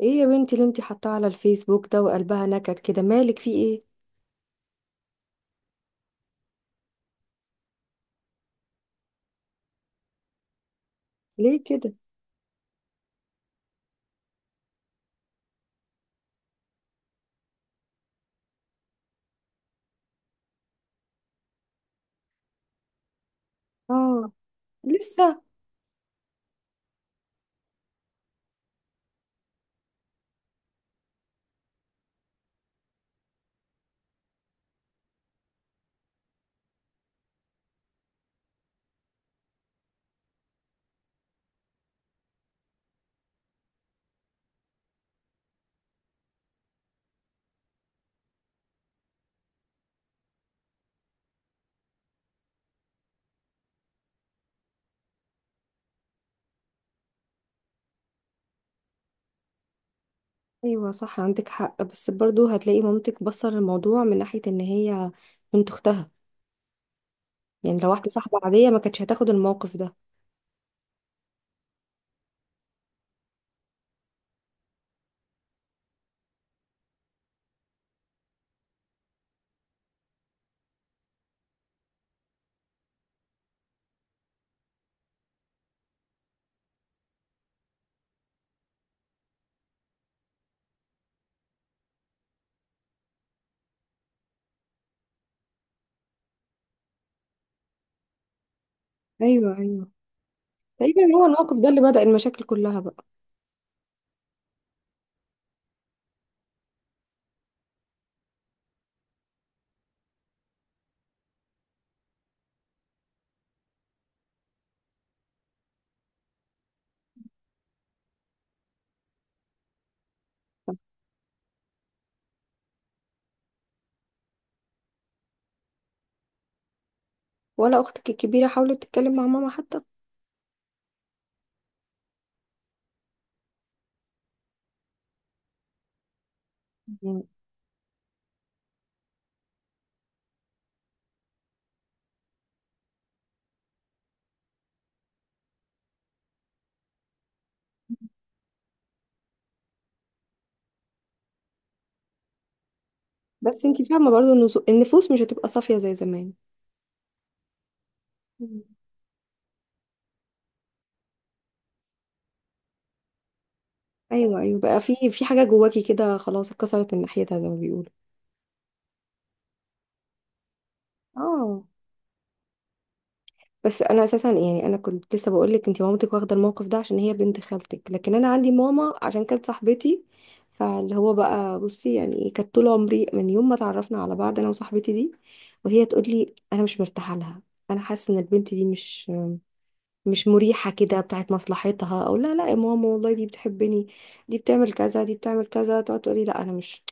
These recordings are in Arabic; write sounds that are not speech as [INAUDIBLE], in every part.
ايه يا بنتي اللي انتي حاطاه على الفيسبوك ده وقلبها نكد كده؟ مالك، في ايه؟ ليه كده؟ اه. لسه؟ ايوه صح، عندك حق، بس برضو هتلاقي مامتك بصر الموضوع من ناحية ان هي بنت اختها، يعني لو واحدة صاحبة عادية ما كانتش هتاخد الموقف ده. ايوه ايوه. تقريبا هو الموقف ده اللي بدأ المشاكل كلها بقى. ولا اختك الكبيرة حاولت تتكلم مع ماما حتى؟ مم. بس انتي فاهمة برضو ان النفوس مش هتبقى صافية زي زمان. مم. ايوه ايوه، بقى في حاجة جواكي كده خلاص اتكسرت من ناحيتها زي ما بيقولوا. اه. بس انا اساسا يعني انا كنت لسه بقول لك، انت مامتك واخده الموقف ده عشان هي بنت خالتك، لكن انا عندي ماما عشان كانت صاحبتي. فاللي هو بقى بصي، يعني ايه، كانت طول عمري من يوم ما اتعرفنا على بعض انا وصاحبتي دي وهي تقول لي انا مش مرتاحه لها، انا حاسه ان البنت دي مش مريحه كده، بتاعت مصلحتها او لا. لا يا ماما والله دي بتحبني، دي بتعمل كذا، دي بتعمل كذا. تقعد تقول لي لا انا مش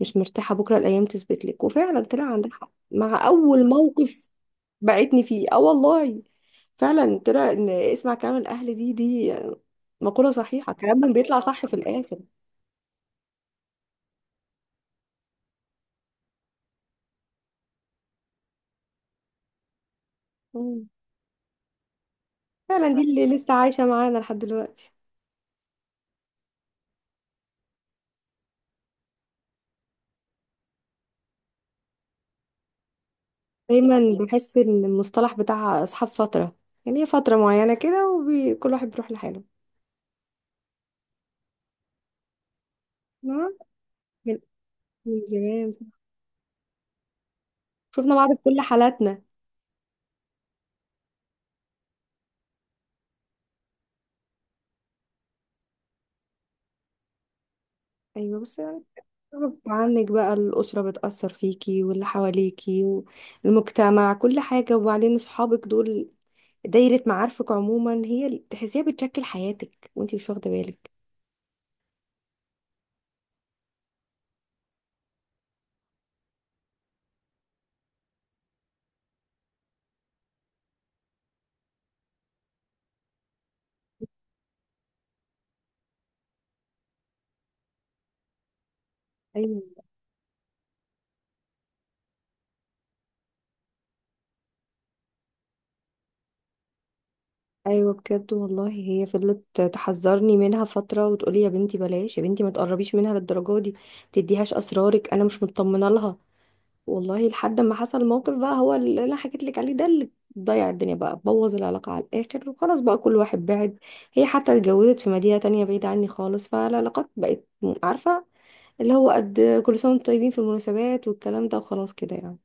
مش مرتاحه. بكره الايام تثبت لك، وفعلا طلع عندها حق مع اول موقف بعتني فيه. اه والله، فعلا طلع ان اسمع كلام الاهل، دي مقولة صحيحة، كلامهم بيطلع صح في الاخر. مم. فعلا دي اللي لسه عايشة معانا لحد دلوقتي. دايما بحس ان المصطلح بتاع اصحاب فترة، يعني هي فترة معينة كده وكل واحد بيروح لحاله. تمام؟ من من زمان، شفنا بعض في كل حالاتنا. ايوه بس يعني، غصب عنك بقى الاسرة بتأثر فيكي واللي حواليكي والمجتمع، كل حاجة. وبعدين صحابك دول، دايرة معارفك عموما، هي اللي تحسيها بتشكل حياتك وانتي مش واخدة بالك. ايوه ايوه بجد. والله هي فضلت تحذرني منها فترة وتقولي يا بنتي بلاش، يا بنتي ما تقربيش منها للدرجة دي، ما تديهاش اسرارك، انا مش مطمنة لها. والله لحد ما حصل موقف بقى، هو اللي انا حكيت لك عليه ده، اللي ضيع الدنيا بقى، بوظ العلاقة على الاخر، وخلاص بقى كل واحد بعد. هي حتى اتجوزت في مدينة تانية بعيدة عني خالص، فالعلاقات بقت، عارفة، اللي هو قد كل سنة وانتم طيبين في المناسبات والكلام ده، وخلاص كده يعني.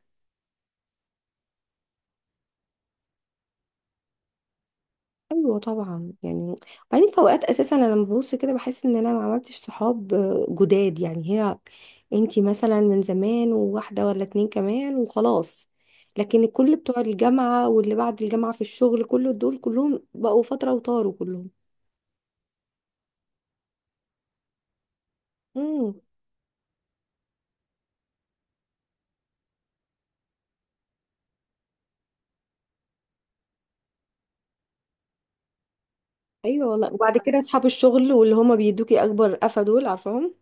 ايوه طبعا يعني. بعدين في اوقات اساسا انا لما ببص كده بحس ان انا ما عملتش صحاب جداد، يعني هي انتي مثلا من زمان، وواحده ولا اتنين كمان، وخلاص. لكن الكل، بتوع الجامعه واللي بعد الجامعه في الشغل، كل دول كلهم بقوا فتره وطاروا كلهم. امم. ايوه والله. وبعد كده اصحاب الشغل واللي هما بيدوكي اكبر قفا، دول عارفاهم.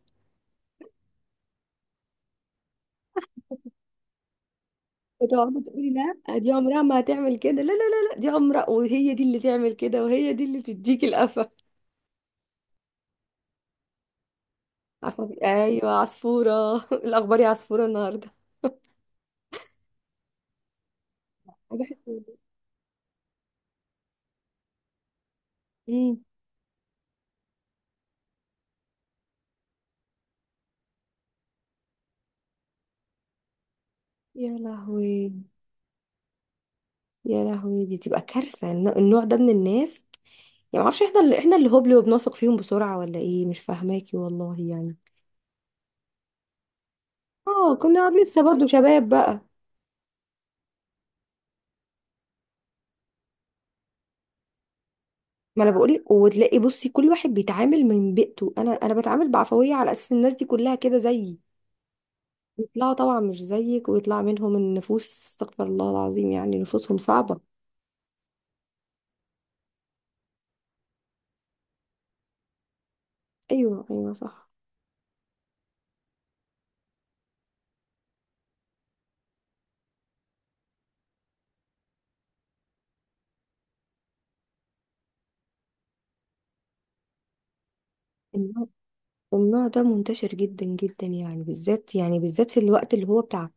وتقعدي تقولي لا دي عمرها ما هتعمل كده، لا لا لا لا، دي عمرها وهي دي اللي تعمل كده، وهي دي اللي تديكي القفا. ايوه عصفورة [LAUGHS] الاخبار يا عصفورة النهاردة. أنا بحس. امم. يا لهوي. يا لهوي، دي تبقى كارثة، النوع ده من الناس. يعني معرفش، احنا اللي هبل وبنثق فيهم بسرعة، ولا ايه؟ مش فاهماكي والله يعني. اه، كنا لسه برضو شباب بقى. ما انا بقول لك. وتلاقي بصي كل واحد بيتعامل من بيئته، انا بتعامل بعفوية على اساس الناس دي كلها كده زيي. يطلعوا طبعا مش زيك، ويطلع منهم النفوس، استغفر الله العظيم، يعني نفوسهم صعبة. ايوه ايوه صح. النوع ده منتشر جدا جدا يعني، بالذات يعني بالذات في الوقت اللي هو بتاع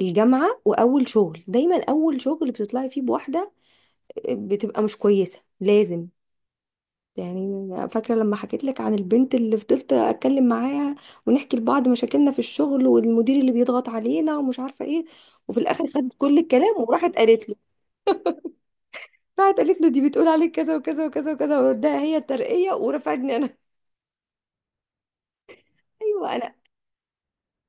الجامعة وأول شغل. دايما أول شغل بتطلعي فيه بواحدة بتبقى مش كويسة، لازم يعني. أنا فاكرة لما حكيت لك عن البنت اللي فضلت أتكلم معاها ونحكي لبعض مشاكلنا في الشغل والمدير اللي بيضغط علينا ومش عارفة إيه، وفي الآخر خدت كل الكلام وراحت قالت له. راحت قالت له دي بتقول عليك كذا وكذا وكذا وكذا، وده هي الترقية ورفعتني أنا [LAUGHS] أيوه. أنا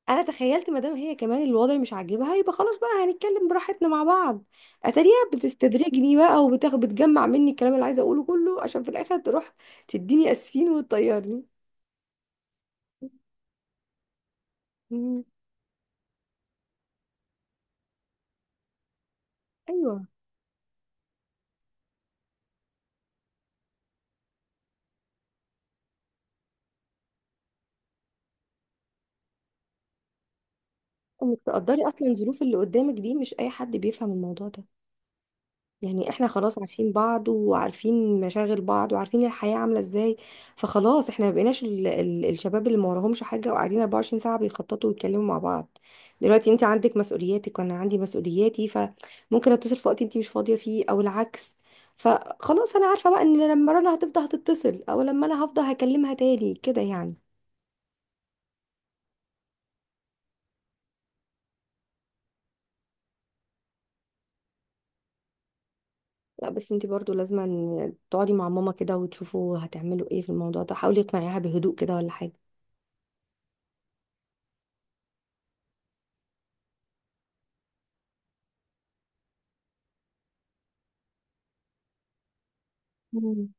انا تخيلت مادام هي كمان الوضع مش عاجبها يبقى خلاص بقى هنتكلم براحتنا مع بعض. اتاريها بتستدرجني بقى، وبتاخد بتجمع مني الكلام اللي عايزه اقوله كله عشان في الاخر تروح تديني اسفين وتطيرني. مم. ايوه. انك تقدري اصلا الظروف اللي قدامك دي، مش اي حد بيفهم الموضوع ده. يعني احنا خلاص عارفين بعض وعارفين مشاغل بعض وعارفين الحياة عاملة ازاي، فخلاص احنا ما بقيناش ال الشباب اللي ما وراهمش حاجة وقاعدين 24 ساعة بيخططوا ويتكلموا مع بعض. دلوقتي انت عندك مسؤولياتك وانا عندي مسؤولياتي، فممكن اتصل في وقت انت مش فاضية فيه او العكس. فخلاص انا عارفة بقى ان لما رنا هتفضل هتتصل، او لما انا هفضل هكلمها تاني كده يعني. لا بس انت برضو لازم أن تقعدي مع ماما كده وتشوفوا هتعملوا ايه في الموضوع ده، حاولي اقنعيها بهدوء كده ولا حاجة. مم.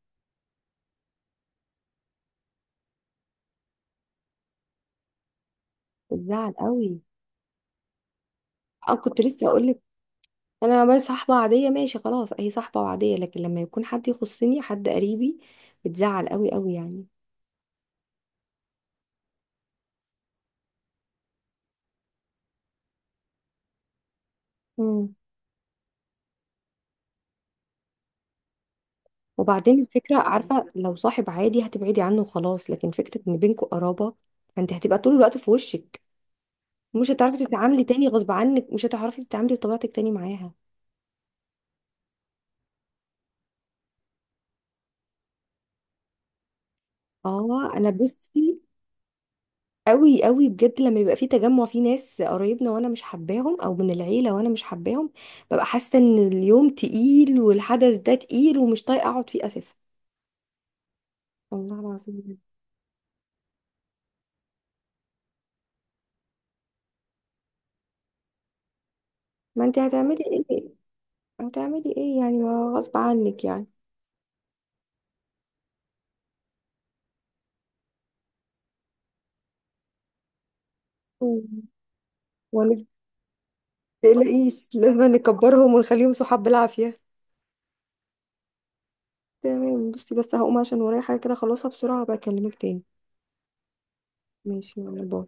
بتزعل قوي. اه كنت لسه اقول لك، انا بس صاحبه عاديه ماشي خلاص، هي صاحبه وعاديه، لكن لما يكون حد يخصني، حد قريبي، بتزعل قوي قوي يعني. امم. وبعدين الفكره، عارفه، لو صاحب عادي هتبعدي عنه خلاص، لكن فكره ان بينكوا قرابه، فانت هتبقى طول الوقت في وشك، مش هتعرفي تتعاملي تاني غصب عنك، مش هتعرفي تتعاملي بطبيعتك تاني معاها. اه انا بصي، قوي قوي بجد، لما يبقى في تجمع في ناس قرايبنا وانا مش حباهم، او من العيله وانا مش حباهم، ببقى حاسه ان اليوم تقيل والحدث ده تقيل ومش طايقه اقعد فيه اساسا، والله العظيم بجد. ما انت هتعملي ايه؟ هتعملي ايه يعني؟ ما غصب عنك يعني. مم. وانا تقلقيش، لازم نكبرهم ونخليهم صحاب بالعافيه. تمام. بصي بس هقوم عشان ورايا حاجه كده خلصها بسرعه، بكلمك تاني. ماشي يلا باي.